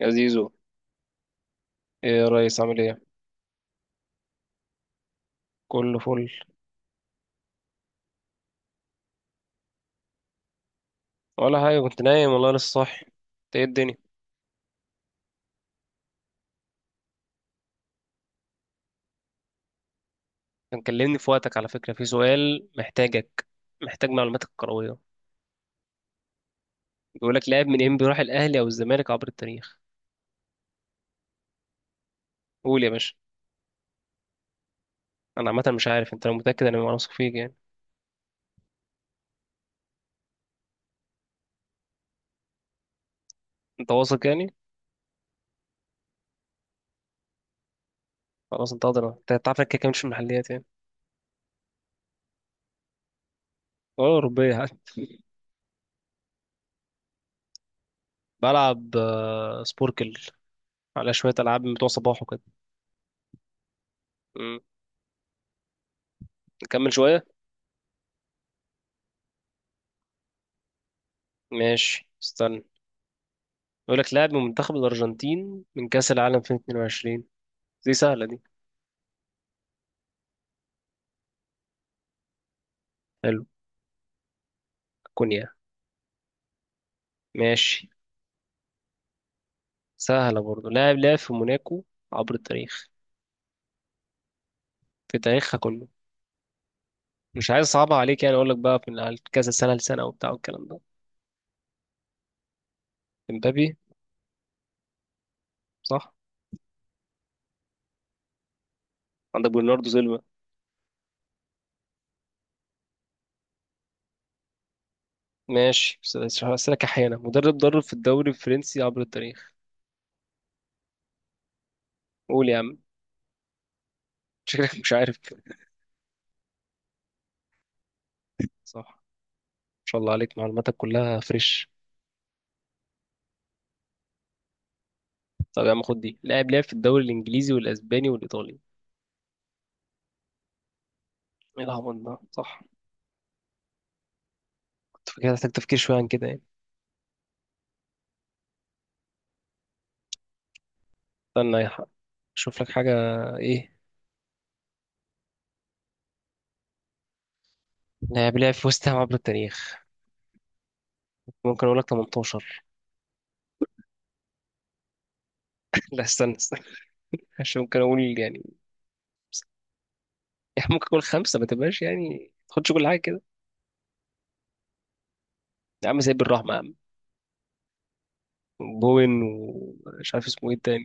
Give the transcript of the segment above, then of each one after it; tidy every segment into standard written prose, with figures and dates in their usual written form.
يا زيزو. ايه يا ريس، عامل ايه؟ كله فل. ولا حاجه، كنت نايم والله، لسه صاحي. انت ايه الدنيا؟ كان كلمني في وقتك، على فكره في سؤال محتاجك، محتاج معلوماتك الكرويه. بيقول لك لاعب من انبي راح الاهلي او الزمالك عبر التاريخ. قول يا باشا. انا عامه مش عارف انت لو متاكد، انا ما واثق فيك يعني. انت واثق يعني؟ خلاص، انت قادر، انت تعرف انك كده كده مش في المحليات يعني. ولا اوروبيه حتى. بلعب سبوركل، على شويه العاب من بتوع صباح وكده. مم. نكمل شويه. ماشي، استنى. يقول لك لاعب من منتخب الأرجنتين من كأس العالم 2022. دي سهلة دي. حلو. كونيا. ماشي. سهلة برضه، لاعب لعب في موناكو عبر التاريخ، في تاريخها كله. مش عايز أصعبها عليك يعني، أقول لك بقى من على كذا سنة لسنة وبتاع والكلام ده. امبابي. صح. عندك برناردو سيلفا. ماشي أسألك أحيانا، مدرب درب في الدوري الفرنسي عبر التاريخ. قول يا عم. شكلك مش عارف. صح، ما شاء الله عليك، معلوماتك كلها فريش. طب يا عم خد دي، لاعب لعب في الدوري الإنجليزي والأسباني والإيطالي. ايه العبط ده، صح. تفكير، محتاج تفكير شوية عن كده يعني. استنى أشوف لك حاجة. إيه؟ لاعب لعب في وست هام عبر التاريخ. ممكن أقول لك 18. لا، استنى استنى، عشان ممكن أقول يعني. يعني ممكن أقول خمسة، ما تبقاش يعني ما تاخدش كل حاجة كده. يا عم زي بالرحمة يا عم. بوين، ومش عارف اسمه إيه التاني.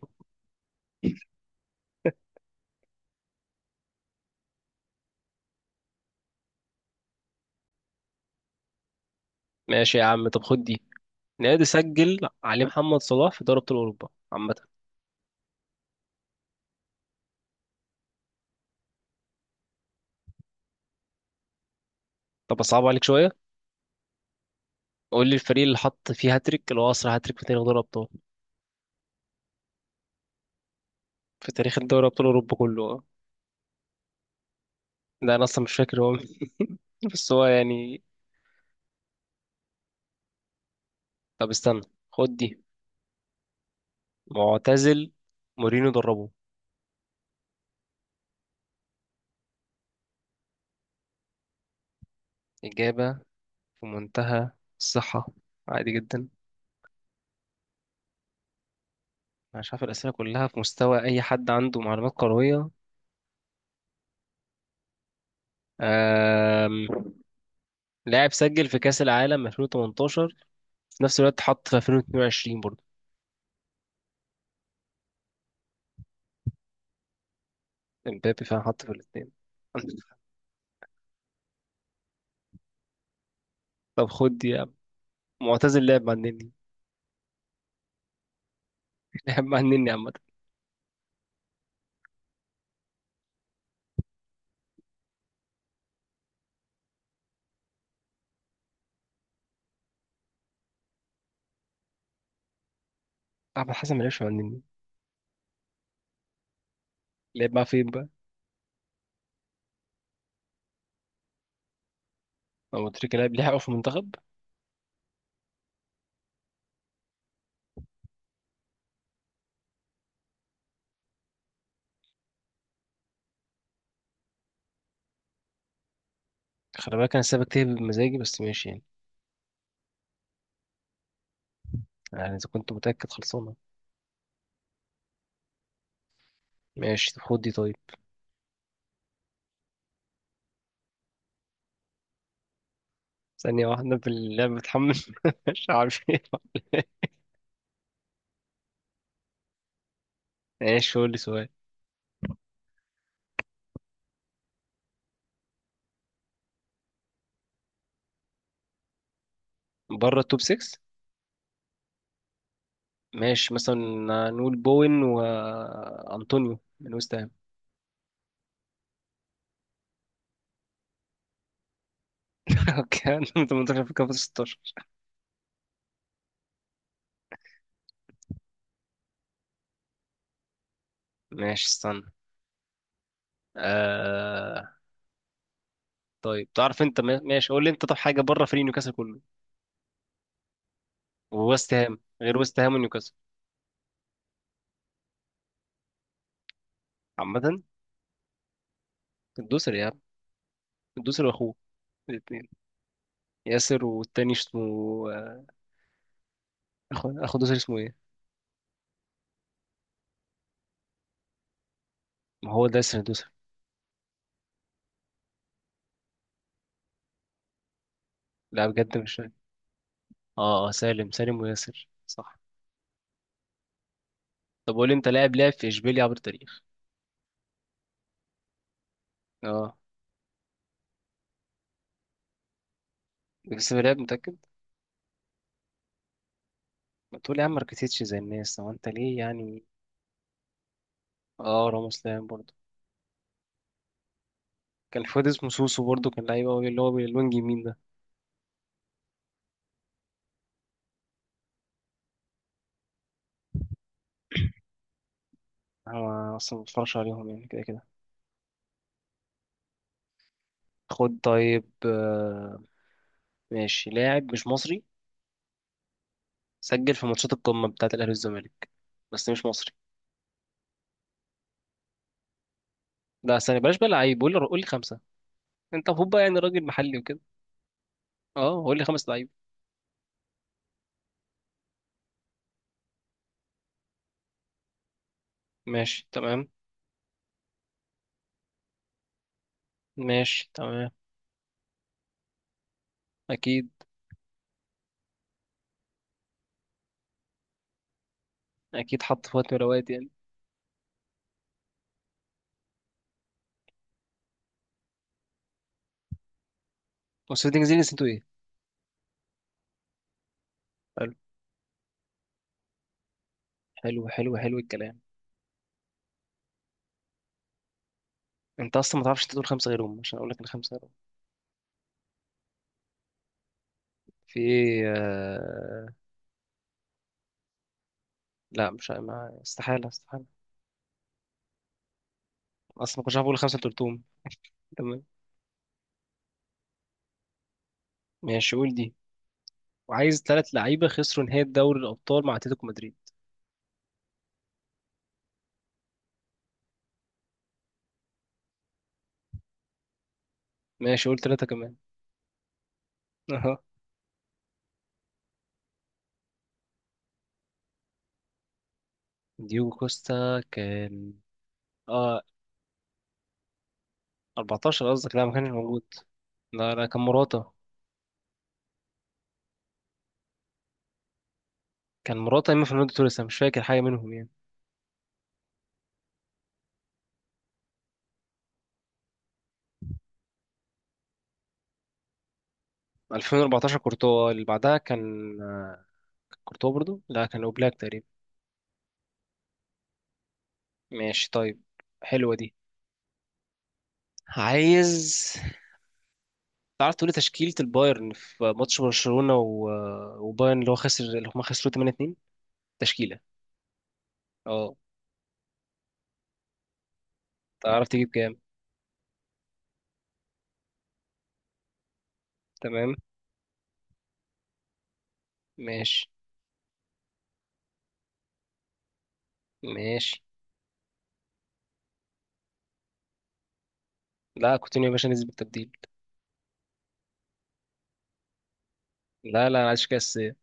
ماشي يا عم، طب خد دي. نادي سجل عليه محمد صلاح في دوري أبطال أوروبا، عامة. طب أصعب عليك شوية. قول لي الفريق اللي حط فيه هاتريك، اللي هو أسرع هاتريك في تاريخ دوري أبطال، في تاريخ الدوري أبطال أوروبا كله. ده انا اصلا مش فاكر هو مين. بس هو يعني. طب استنى، خد دي. معتزل، مورينو دربه. اجابه في منتهى الصحه، عادي جدا. انا مش عارف، الاسئله كلها في مستوى اي حد عنده معلومات كرويه. أم... لاعب سجل في كاس العالم 2018، في نفس الوقت حط في 2022 برضه. امبابي فعلا حط في الاثنين. طب خد دي يا عم، معتزل لعب مع النني. لعب مع النني، عامه. احمد حسن ما لعبش مع النني. لعب مع فين بقى؟ هو تريكة لعب ليه حقه في المنتخب؟ خلي بالك انا سايبك تهبد بمزاجي، بس ماشي يعني. يعني اذا كنت متاكد، خلصانه. ماشي، طب خد دي طيب. ثانيه واحده، في اللعبه بتحمل. مش عارف ايه. ماشي، قول لي سؤال. بره التوب 6. ماشي، مثلا نقول بوين وانطونيو من وست هام. اوكي، أنا 18 في كام، 16؟ ماشي استنى. آه... طيب تعرف انت ماشي، قول لي انت، طب حاجه بره فريق نيوكاسل كله ووست هام، غير وست هام ونيوكاسل. عامه. الدوسري يا عم، الدوسري واخوه. ياسر، والتاني اسمه آه، اخو دوسر، اسمه ايه؟ ما هو ده ياسر دوسر. لا بجد مش فاكر. اه، سالم، سالم وياسر، صح. طب قول لي انت، لاعب لعب في اشبيليا عبر التاريخ. اه، بس في لاعب متأكد. ما تقول يا عم ماركتيتش زي الناس، هو انت ليه يعني؟ اه، راموس لاعب برضه. كان في واد اسمه سوسو برضه، كان لعيب قوي، اللي هو بالوينج يمين ده. انا اصلا ما بتفرجش عليهم يعني، كده كده. خد طيب ماشي، لاعب مش مصري سجل في ماتشات القمة بتاعة الأهلي والزمالك، بس مش مصري. لا استنى، بلاش بقى لعيب، قول لي قول لي خمسة. انت المفروض بقى يعني راجل محلي وكده. اه، قول لي خمس لعيب. ماشي تمام. ماشي تمام. اكيد. اكيد حط في وقت من الاوقات يعني. وسيلتنج زينس، انتوا ايه؟ حلو. حلو حلو حلو الكلام. انت اصلا ما تعرفش، انت تقول خمسه غيرهم عشان اقول لك ان خمسه غيرهم. في ايه لا، مش ما... استحاله، استحاله. اصلا ما كنتش عارف اقول خمسه، انت قلتهم. تمام. ماشي، قول دي. وعايز ثلاث لعيبه خسروا نهائي دوري الابطال مع اتلتيكو مدريد. ماشي، قول ثلاثه كمان. اها. ديوجو كوستا كان. اه، 14 قصدك؟ لا، ما كانش موجود. لا لا، كان مراته. كان مراته، اما فرناندو توريس أنا مش فاكر حاجه منهم يعني. 2014 كورتوا، اللي بعدها كان آه، كان كورتوا برضو، لا كان اوبلاك تقريبا. ماشي طيب. حلوه دي. عايز تعرف تقولي تشكيلة البايرن في ماتش برشلونة وبايرن، اللي هو خسر، اللي هما خسروا 8-2، تشكيلة. اه، تعرف تجيب كام؟ تمام. ماشي. ماشي. لا، كوتينيو يا باشا نزل بالتبديل. لا لا، انا عايز كاس يا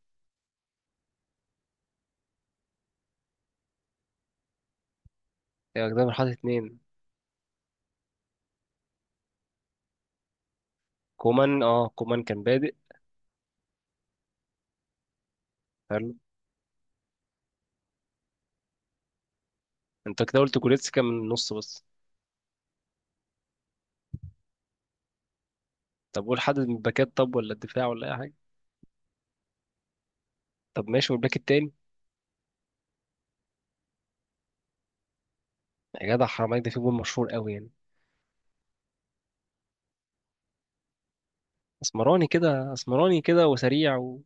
جدعان، حاطط اتنين. كومان، اه كومان كان بادئ. حلو. انت كده قلت كوريتسكا من النص بس. طب قول حد من الباكات، طب ولا الدفاع ولا اي حاجه. طب ماشي، والباك التاني؟ يا جدع حرام عليك، ده في جول مشهور قوي يعني. اسمراني كده، اسمراني كده وسريع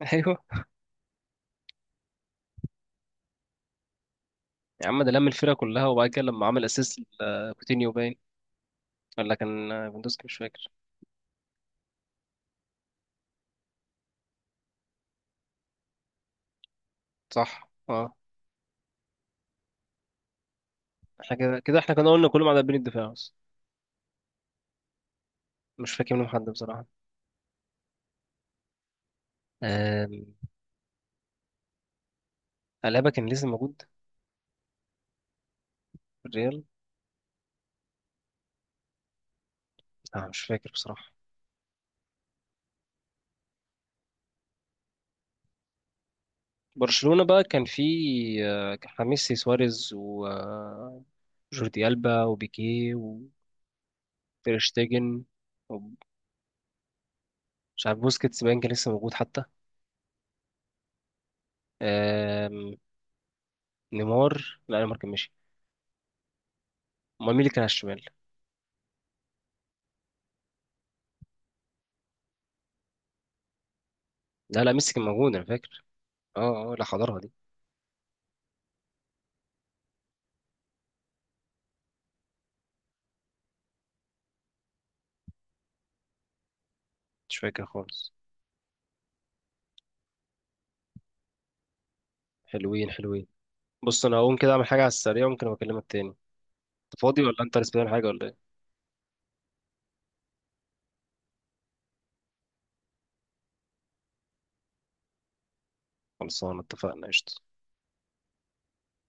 ايوه. يا عم ده لم الفرقه كلها، وبعد كده لما عمل اسيست لكوتينيو باين، ولا كان ليفاندوسكي، مش فاكر. صح، اه. احنا كده كده، احنا كنا قلنا كلهم على بين الدفاع بس. مش فاكر منهم حد بصراحه. آم، ألابا كان لسه موجود. في الريال. آه، مش فاكر بصراحه. برشلونة بقى كان في خميس، سواريز وجوردي ألبا وبيكيه وتير شتيجن، ومش عارف. بوسكيتس باين كان لسه موجود حتى. آم، نيمار، لا نيمار كان ماشي. امال مين اللي كان على الشمال؟ لا لا، ميسي كان موجود انا فاكر. اه اه، لا حضرها دي. مش فاكر خالص. حلوين حلوين. بص، انا هقوم كده اعمل حاجة على السريع، ممكن أبقى اكلمك تاني. انت فاضي ولا انت لسه بتعمل حاجة ولا ايه؟ خلصانة، اتفقنا، قشطة.